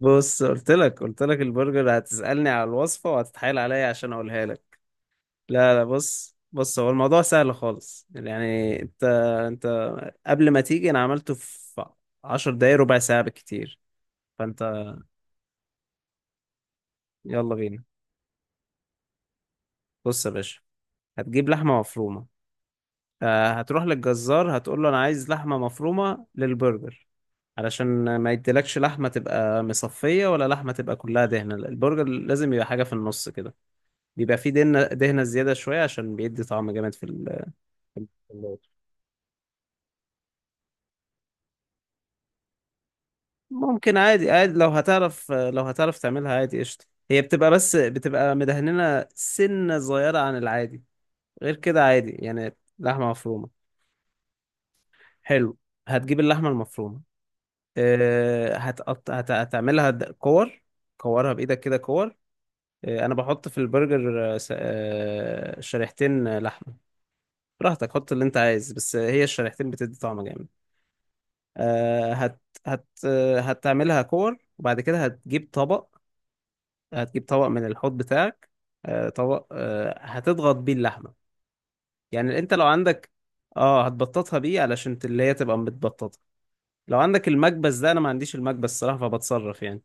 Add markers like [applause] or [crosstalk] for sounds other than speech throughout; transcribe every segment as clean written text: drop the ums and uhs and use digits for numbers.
بص قلت لك البرجر هتسألني على الوصفة وهتتحايل عليا عشان اقولها لك. لا لا، بص بص، هو الموضوع سهل خالص. يعني انت قبل ما تيجي انا عملته في 10 دقايق، ربع ساعة بالكتير. فانت يلا بينا. بص يا باشا، هتجيب لحمة مفرومة. هتروح للجزار هتقول له انا عايز لحمة مفرومة للبرجر. علشان ما يديلكش لحمة تبقى مصفية، ولا لحمة تبقى كلها دهنة. البرجر لازم يبقى حاجة في النص كده. بيبقى فيه دهنة دهنة زيادة شوية عشان بيدي طعم جامد في اللوت. ممكن عادي عادي، لو هتعرف تعملها عادي، قشطة. هي بتبقى، بس بتبقى مدهننة سنة صغيرة عن العادي. غير كده عادي، يعني لحمة مفرومة. حلو، هتجيب اللحمة المفرومة. أه هتقط... هت... هتعملها د- كور كورها بإيدك كده، كور. أنا بحط في البرجر أه س- آه، شريحتين لحمة. براحتك، حط اللي أنت عايز، بس هي الشريحتين بتدي طعم جامد. آه، هت هت آه، هتعملها كور، وبعد كده هتجيب طبق. هتجيب طبق من الحوض بتاعك. طبق، هتضغط بيه اللحمة. يعني انت لو عندك، اه، هتبططها بيه علشان اللي هي تبقى متبططة. لو عندك المكبس ده، انا ما عنديش المكبس الصراحة، فبتصرف يعني.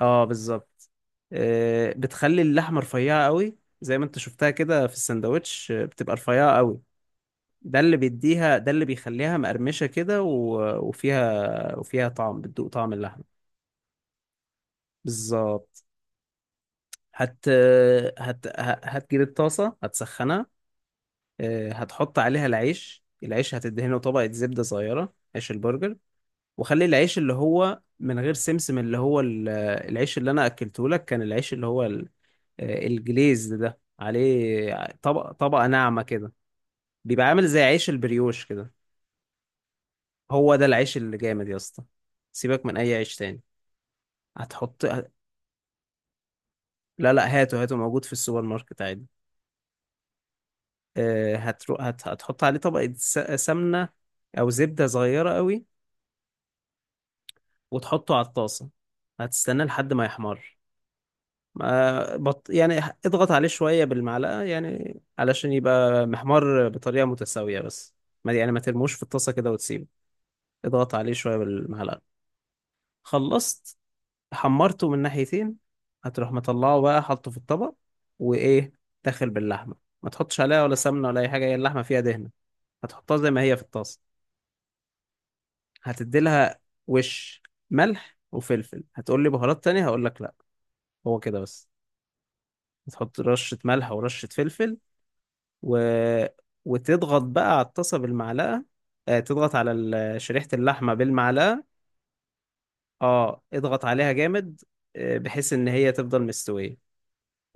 اه، بالظبط. بتخلي اللحمة رفيعة قوي زي ما انت شفتها كده في السندوتش، بتبقى رفيعة قوي. ده اللي بيديها، ده اللي بيخليها مقرمشة كده، وفيها طعم، بتدوق طعم اللحمة. بالظبط. هت هت ه- هتجيب الطاسة، هتسخنها. هتحط عليها العيش هتدهنه طبقة زبدة صغيرة، عيش البرجر. وخلي العيش اللي هو من غير سمسم، اللي هو العيش اللي أنا أكلته لك، كان العيش اللي هو الجليز ده عليه طبقة، طبقة ناعمة كده. بيبقى عامل زي عيش البريوش كده. هو ده العيش اللي جامد يا اسطى، سيبك من أي عيش تاني. هتحط لا لا، هاته هاته موجود في السوبر ماركت عادي. هتحط عليه طبقة سمنة، أو زبدة صغيرة قوي. وتحطه على الطاسة، هتستناه لحد ما يحمر. يعني اضغط عليه شوية بالمعلقة، يعني علشان يبقى محمر بطريقة متساوية بس. ما يعني ما ترموش في الطاسة كده وتسيبه. اضغط عليه شوية بالمعلقة. خلصت، حمرته من ناحيتين. هتروح مطلعه بقى، حاطه في الطبق. وإيه، داخل باللحمة. ما تحطش عليها ولا سمنة ولا أي حاجة، هي اللحمة فيها دهنة. هتحطها زي ما هي في الطاسة. هتدي لها وش ملح وفلفل. هتقول لي بهارات تانية؟ هقول لك لا، هو كده بس. هتحط رشة ملح ورشة فلفل و... وتضغط بقى على الطاسة بالمعلقة. تضغط على شريحة اللحمة بالمعلقة. اه، اضغط عليها جامد. بحيث ان هي تفضل مستوية.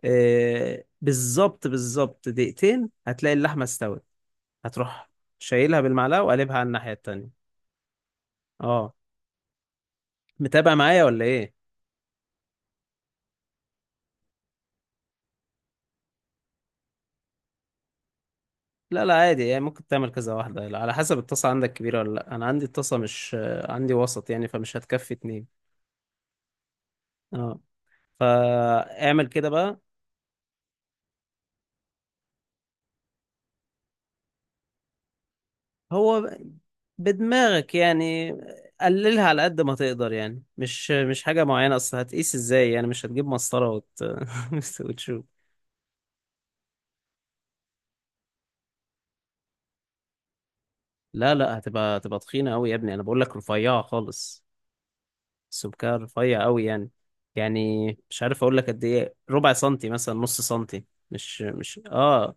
بالظبط بالظبط، دقيقتين هتلاقي اللحمة استوت. هتروح شايلها بالمعلقة وقلبها على الناحية التانية. اه، متابع معايا ولا ايه؟ لا لا، عادي يعني، ممكن تعمل كذا واحدة على حسب. الطاسة عندك كبيرة ولا لأ؟ أنا عندي الطاسة مش عندي، وسط يعني، فمش هتكفي اتنين. اه، فاعمل كده بقى. هو بدماغك يعني. قللها على قد ما تقدر يعني، مش حاجة معينة. أصل هتقيس ازاي؟ يعني مش هتجيب مسطرة [laughs] وتشوف. لا لا، هتبقى تخينة أوي يا ابني، أنا بقول لك رفيعة خالص. السمكة رفيع أوي يعني مش عارف أقول لك قد إيه، ربع سنتي مثلا، نص سنتي. مش مش اه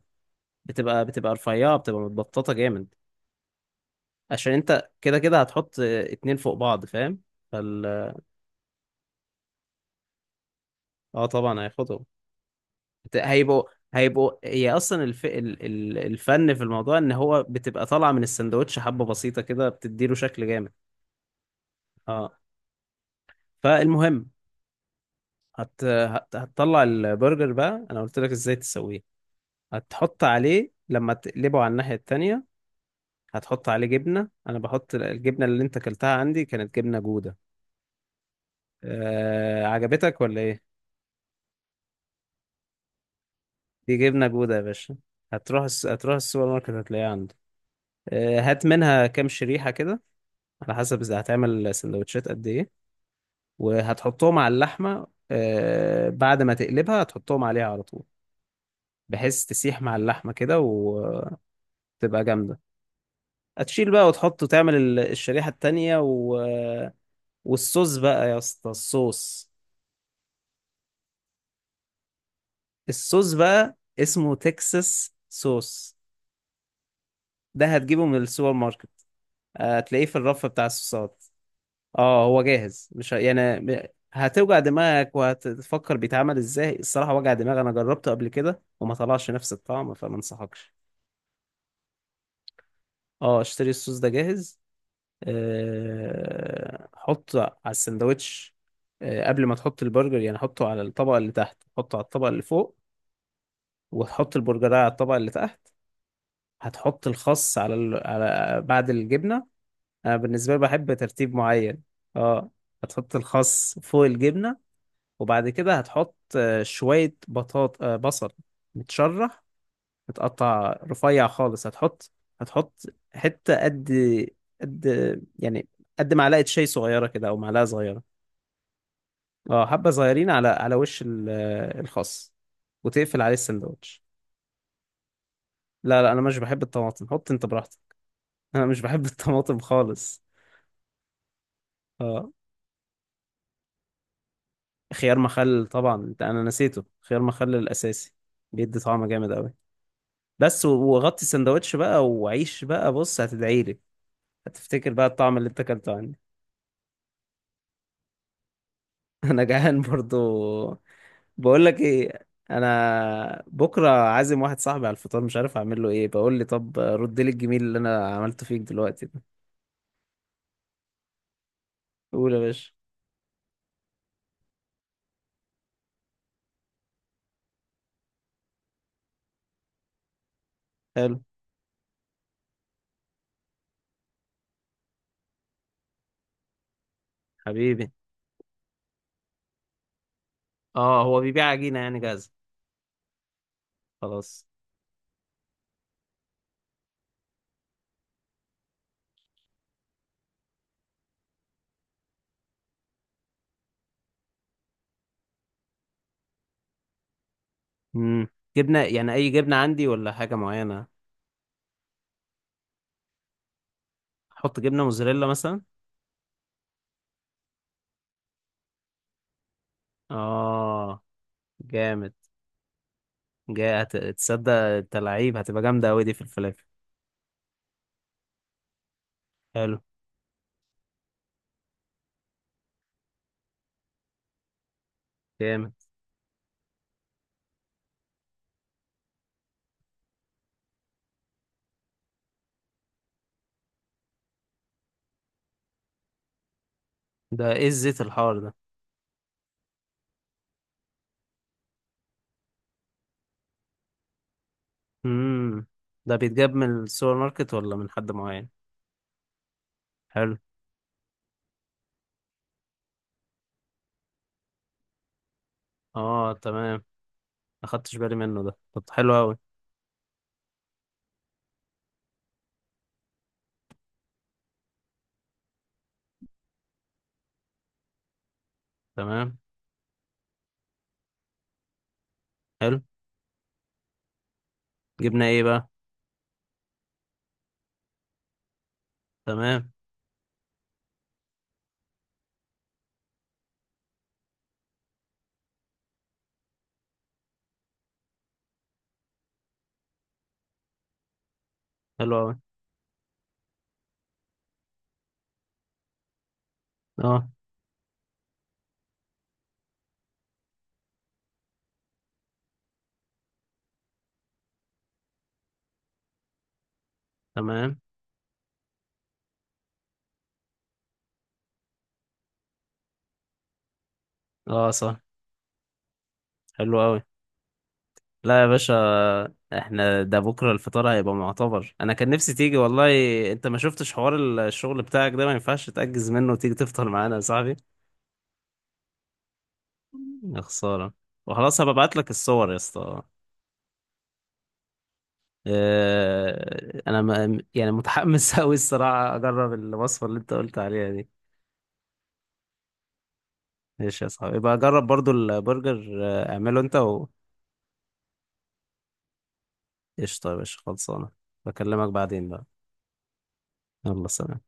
بتبقى رفيعة، بتبقى متبططة جامد. عشان انت كده كده هتحط اتنين فوق بعض، فاهم؟ فال اه طبعا هياخدهم. بت- هيبقوا هيبقوا هي اصلا الفن في الموضوع ان هو بتبقى طالعة من السندوتش حبة بسيطة كده بتديله شكل جامد. اه، فالمهم، هتطلع البرجر بقى، انا قلت لك ازاي تسويه. هتحط عليه لما تقلبه على الناحية التانية، هتحط عليه جبنة. انا بحط الجبنة، اللي انت اكلتها عندي كانت جبنة جودة. عجبتك ولا ايه؟ دي جبنة جودة يا باشا. هتروح السوبر ماركت هتلاقيها عنده. هات منها كام شريحة كده، على حسب إذا هتعمل سندوتشات قد إيه. وهتحطهم على اللحمة، بعد ما تقلبها هتحطهم عليها على طول. بحيث تسيح مع اللحمة كده وتبقى جامدة. هتشيل بقى، وتحط وتعمل الشريحة التانية والصوص بقى يا اسطى، الصوص بقى اسمه تكساس صوص. ده هتجيبه من السوبر ماركت، هتلاقيه في الرف بتاع الصوصات. اه، هو جاهز، مش ه- يعني م- هتوجع دماغك وهتفكر بيتعمل ازاي الصراحة، وجع دماغ، انا جربته قبل كده وما طلعش نفس الطعم فما انصحكش. اه، اشتري الصوص ده جاهز. حطه على السندوتش، قبل ما تحط البرجر يعني، حطه على الطبقة اللي تحت، حطه على الطبقة اللي فوق. وتحط البرجرايه على الطبقة اللي تحت. هتحط الخس على بعد الجبنة. انا بالنسبة لي بحب ترتيب معين. اه، هتحط الخس فوق الجبنة. وبعد كده هتحط شوية بطاط، بصل متشرح، متقطع رفيع خالص. هتحط حتة قد يعني قد معلقة شاي صغيرة كده، أو معلقة صغيرة. اه، حبة صغيرين على وش الخس، وتقفل عليه السندوتش. لا لا، أنا مش بحب الطماطم، حط أنت براحتك. [laughs] أنا مش بحب [laughs] الطماطم خالص. اه، خيار مخلل طبعا. أنا نسيته، خيار مخلل الأساسي، بيدي طعم جامد أوي. بس. وغطي السندوتش بقى وعيش بقى. بص هتدعي لي، هتفتكر بقى الطعم اللي انت اكلته عندي. [laughs] انا جعان برضو. بقول لك ايه، انا بكره عازم واحد صاحبي على الفطار، مش عارف اعمل له ايه. بقول لي طب رد لي الجميل اللي انا عملته فيك دلوقتي ده. قول يا باشا. حلو. حبيبي، اه، هو بيبيع عجينه يعني جاهزه؟ خلاص. امم جبنه يعني اي جبنه عندي، ولا حاجه معينه؟ احط جبنه موزاريلا مثلا؟ اه. جامد. جاي تصدق انت لعيب، هتبقى جامدة أوي دي في الفلافل. حلو. جامد. ده ايه الزيت الحار ده؟ امم ده بيتجاب من السوبر ماركت ولا من حد معين؟ حلو. اه، تمام. ما خدتش بالي منه ده، طب حلو أوي. تمام. حلو، جبنا ايه بقى؟ تمام. حلو أوي. اه، تمام. اه، صح. حلو أوي. لا يا باشا. احنا ده بكرة الفطار هيبقى معتبر، انا كان نفسي تيجي والله. انت ما شفتش حوار؟ الشغل بتاعك ده ما ينفعش تأجز منه وتيجي تفطر معانا يا صاحبي. يا خسارة. وخلاص، هبعت لك الصور يا اسطى. انا يعني متحمس [laughs] قوي الصراحة اجرب الوصفة اللي انت قلت عليها دي. ماشي يا صاحبي، يبقى جرب برضو البرجر، اعمله انت. وقشطة يا باشا، خلصانة. بكلمك بعدين بقى. يلا سلام.